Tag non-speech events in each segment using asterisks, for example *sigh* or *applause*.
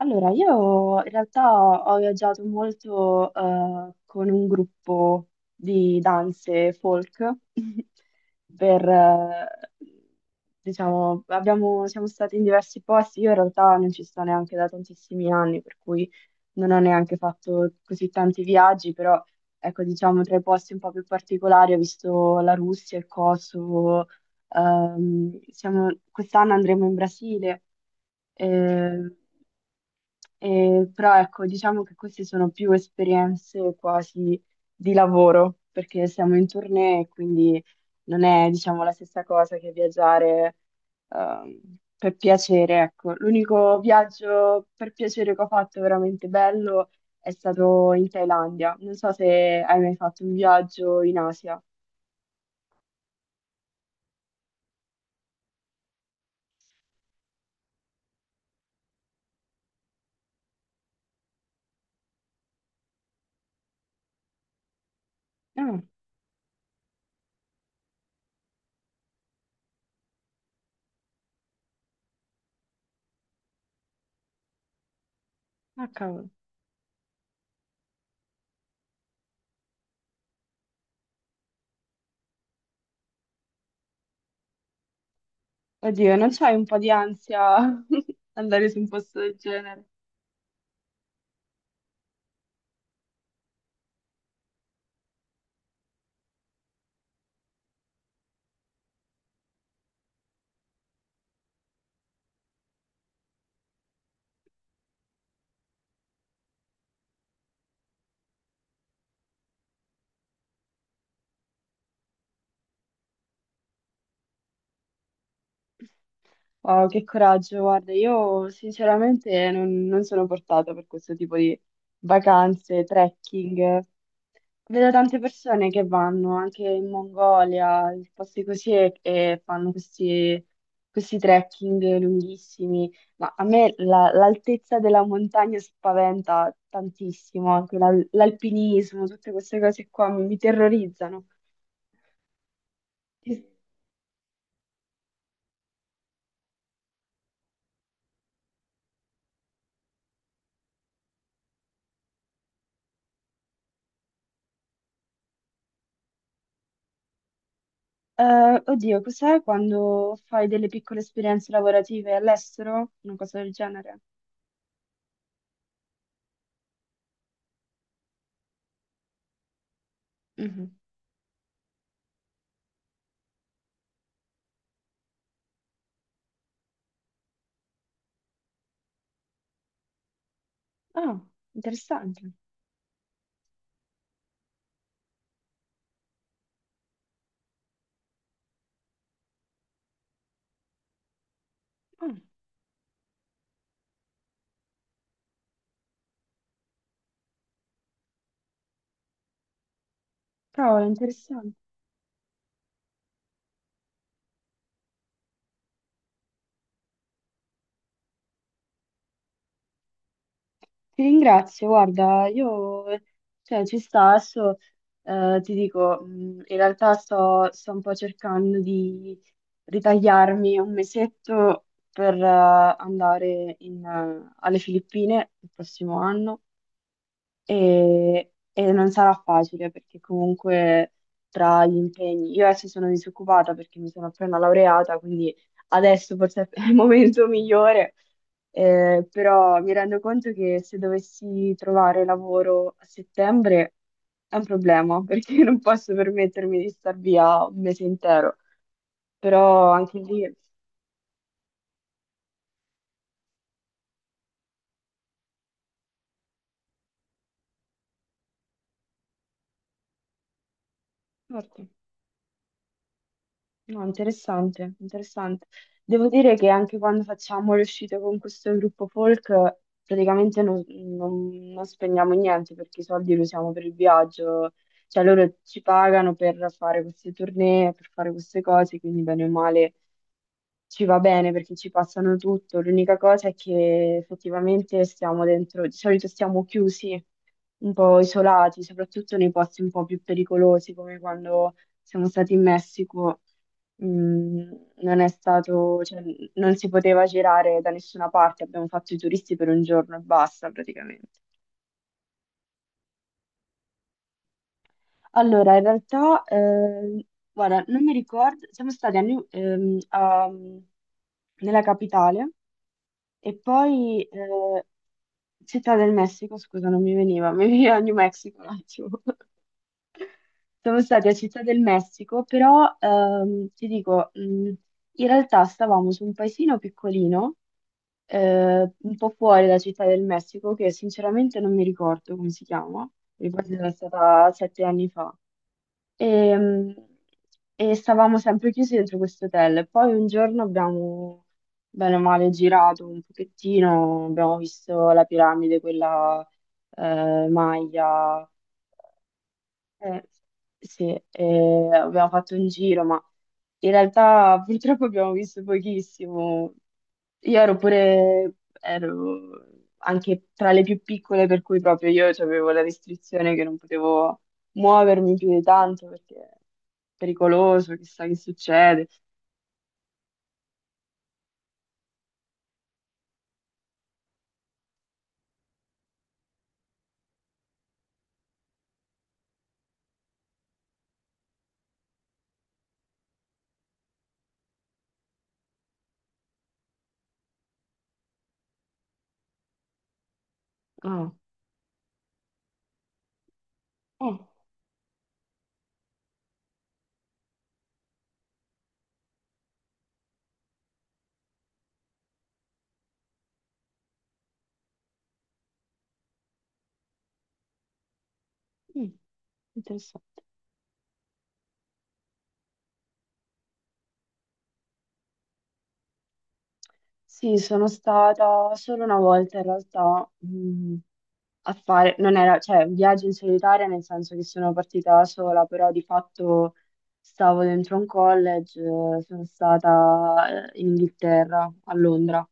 Allora, io in realtà ho viaggiato molto con un gruppo di danze folk *laughs* per, eh, siamo stati in diversi posti, io in realtà non ci sto neanche da tantissimi anni, per cui non ho neanche fatto così tanti viaggi, però ecco, diciamo tra i posti un po' più particolari ho visto la Russia, il Kosovo, quest'anno andremo in Brasile, eh, però ecco, diciamo che queste sono più esperienze quasi di lavoro, perché siamo in tournée, quindi non è, diciamo, la stessa cosa che viaggiare per piacere, ecco. L'unico viaggio per piacere che ho fatto veramente bello è stato in Thailandia. Non so se hai mai fatto un viaggio in Asia. Ah, ah, cavolo. Oddio, non c'hai un po' di ansia *laughs* andare su un posto del genere? Wow, che coraggio, guarda, io sinceramente non sono portata per questo tipo di vacanze, trekking. Vedo tante persone che vanno anche in Mongolia, in posti così, e fanno questi, questi trekking lunghissimi. Ma a me l'altezza della montagna spaventa tantissimo, anche l'alpinismo, tutte queste cose qua mi terrorizzano. Ti- oddio, cos'è, quando fai delle piccole esperienze lavorative all'estero? Una cosa del genere? Mhm. Ah, interessante. Ah, cavolo, interessante. Ti ringrazio, guarda, io cioè, ci sta, adesso ti dico, in realtà sto un po' cercando di ritagliarmi un mesetto per andare alle Filippine il prossimo anno e non sarà facile perché comunque tra gli impegni, io adesso sono disoccupata perché mi sono appena laureata, quindi adesso forse è il momento migliore, però mi rendo conto che se dovessi trovare lavoro a settembre è un problema perché *laughs* non posso permettermi di star via un mese intero, però anche lì... forte. No, interessante, interessante. Devo dire che anche quando facciamo le uscite con questo gruppo folk, praticamente non spendiamo niente perché i soldi li usiamo per il viaggio, cioè loro ci pagano per fare queste tournée, per fare queste cose, quindi bene o male ci va bene perché ci passano tutto. L'unica cosa è che effettivamente stiamo dentro, di solito stiamo chiusi, un po' isolati, soprattutto nei posti un po' più pericolosi, come quando siamo stati in Messico. Mm, non è stato, cioè, non si poteva girare da nessuna parte, abbiamo fatto i turisti per un giorno e basta praticamente. Allora, in realtà, guarda, non mi ricordo, siamo stati a nella capitale e poi Città del Messico, scusa, non mi veniva, mi veniva *laughs* New Mexico un attimo. Siamo stati a Città del Messico, però ti dico, in realtà stavamo su un paesino piccolino un po' fuori da Città del Messico, che sinceramente non mi ricordo come si chiama, ricordo che era stata 7 anni fa. E, mm, e stavamo sempre chiusi dentro questo hotel. Poi un giorno abbiamo, bene o male, girato un pochettino, abbiamo visto la piramide, quella Maya. Eh, sì, abbiamo fatto un giro, ma in realtà purtroppo abbiamo visto pochissimo. Io ero pure, ero anche tra le più piccole, per cui proprio io avevo la restrizione che non potevo muovermi più di tanto perché è pericoloso, chissà che succede. Ah, oh, mm, interessante. Sì, sono stata solo una volta in realtà a fare, non era, cioè, un viaggio in solitaria nel senso che sono partita da sola, però di fatto stavo dentro un college, sono stata in Inghilterra, a Londra.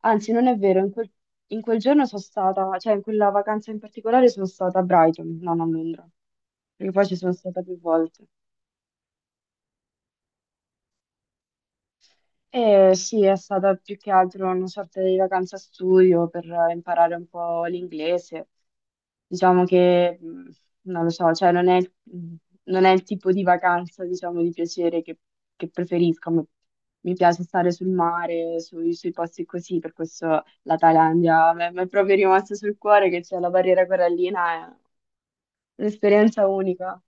Anzi, non è vero, in quel giorno sono stata, cioè in quella vacanza in particolare sono stata a Brighton, non a Londra, perché poi ci sono stata più volte. Sì, è stata più che altro una sorta di vacanza studio per imparare un po' l'inglese. Diciamo che, non lo so, cioè non è, non è il tipo di vacanza, diciamo, di piacere che preferisco. Mi piace stare sul mare, sui posti così, per questo la Thailandia mi è proprio rimasta sul cuore, che c'è la barriera corallina, è un'esperienza unica.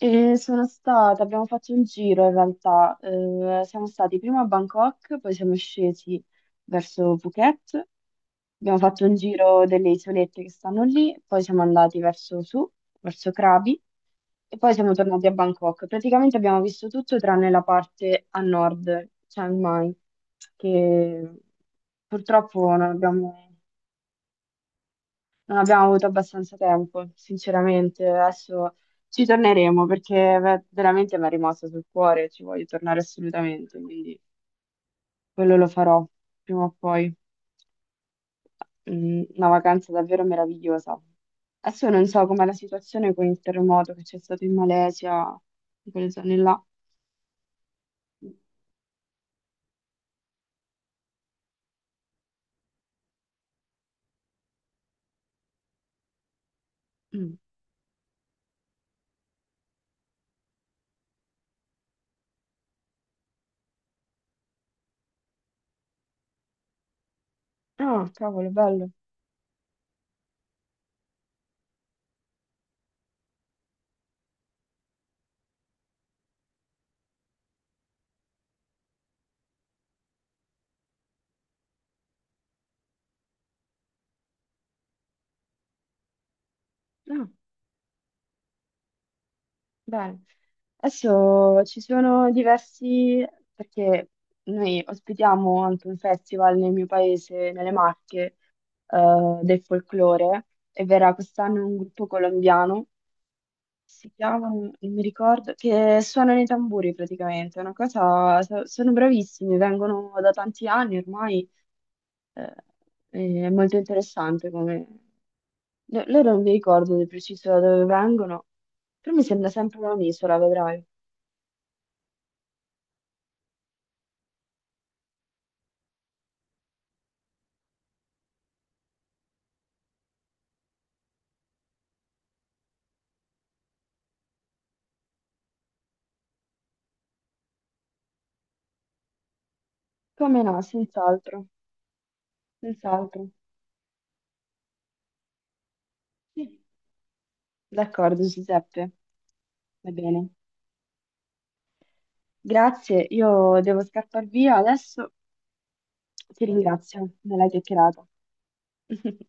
Sono stata, abbiamo fatto un giro in realtà. Siamo stati prima a Bangkok, poi siamo scesi verso Phuket, abbiamo fatto un giro delle isolette che stanno lì, poi siamo andati verso su, verso Krabi e poi siamo tornati a Bangkok. Praticamente abbiamo visto tutto tranne la parte a nord, Chiang Mai, che purtroppo non abbiamo avuto abbastanza tempo, sinceramente. Adesso ci torneremo perché veramente mi è rimasta sul cuore, ci voglio tornare assolutamente, quindi quello lo farò prima o poi. Mm, una vacanza davvero meravigliosa. Adesso non so com'è la situazione con il terremoto che c'è stato in Malesia, in quelle zone là. Mm. Ah, cavolo, bello. Ah. Bene, adesso ci sono diversi, perché noi ospitiamo anche un festival nel mio paese, nelle Marche, del folklore, e verrà quest'anno un gruppo colombiano, si chiamano, non mi ricordo, che suonano i tamburi praticamente, è una cosa, sono bravissimi, vengono da tanti anni ormai, eh, è molto interessante come... Loro non mi ricordo di preciso da dove vengono, però mi sembra sempre un'isola, vedrai. Come no, senz'altro, senz'altro. Sì, d'accordo, Giuseppe, va bene. Grazie, io devo scappare via adesso. Ti ringrazio della chiacchierata. *laughs*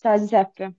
Ciao Giuseppe.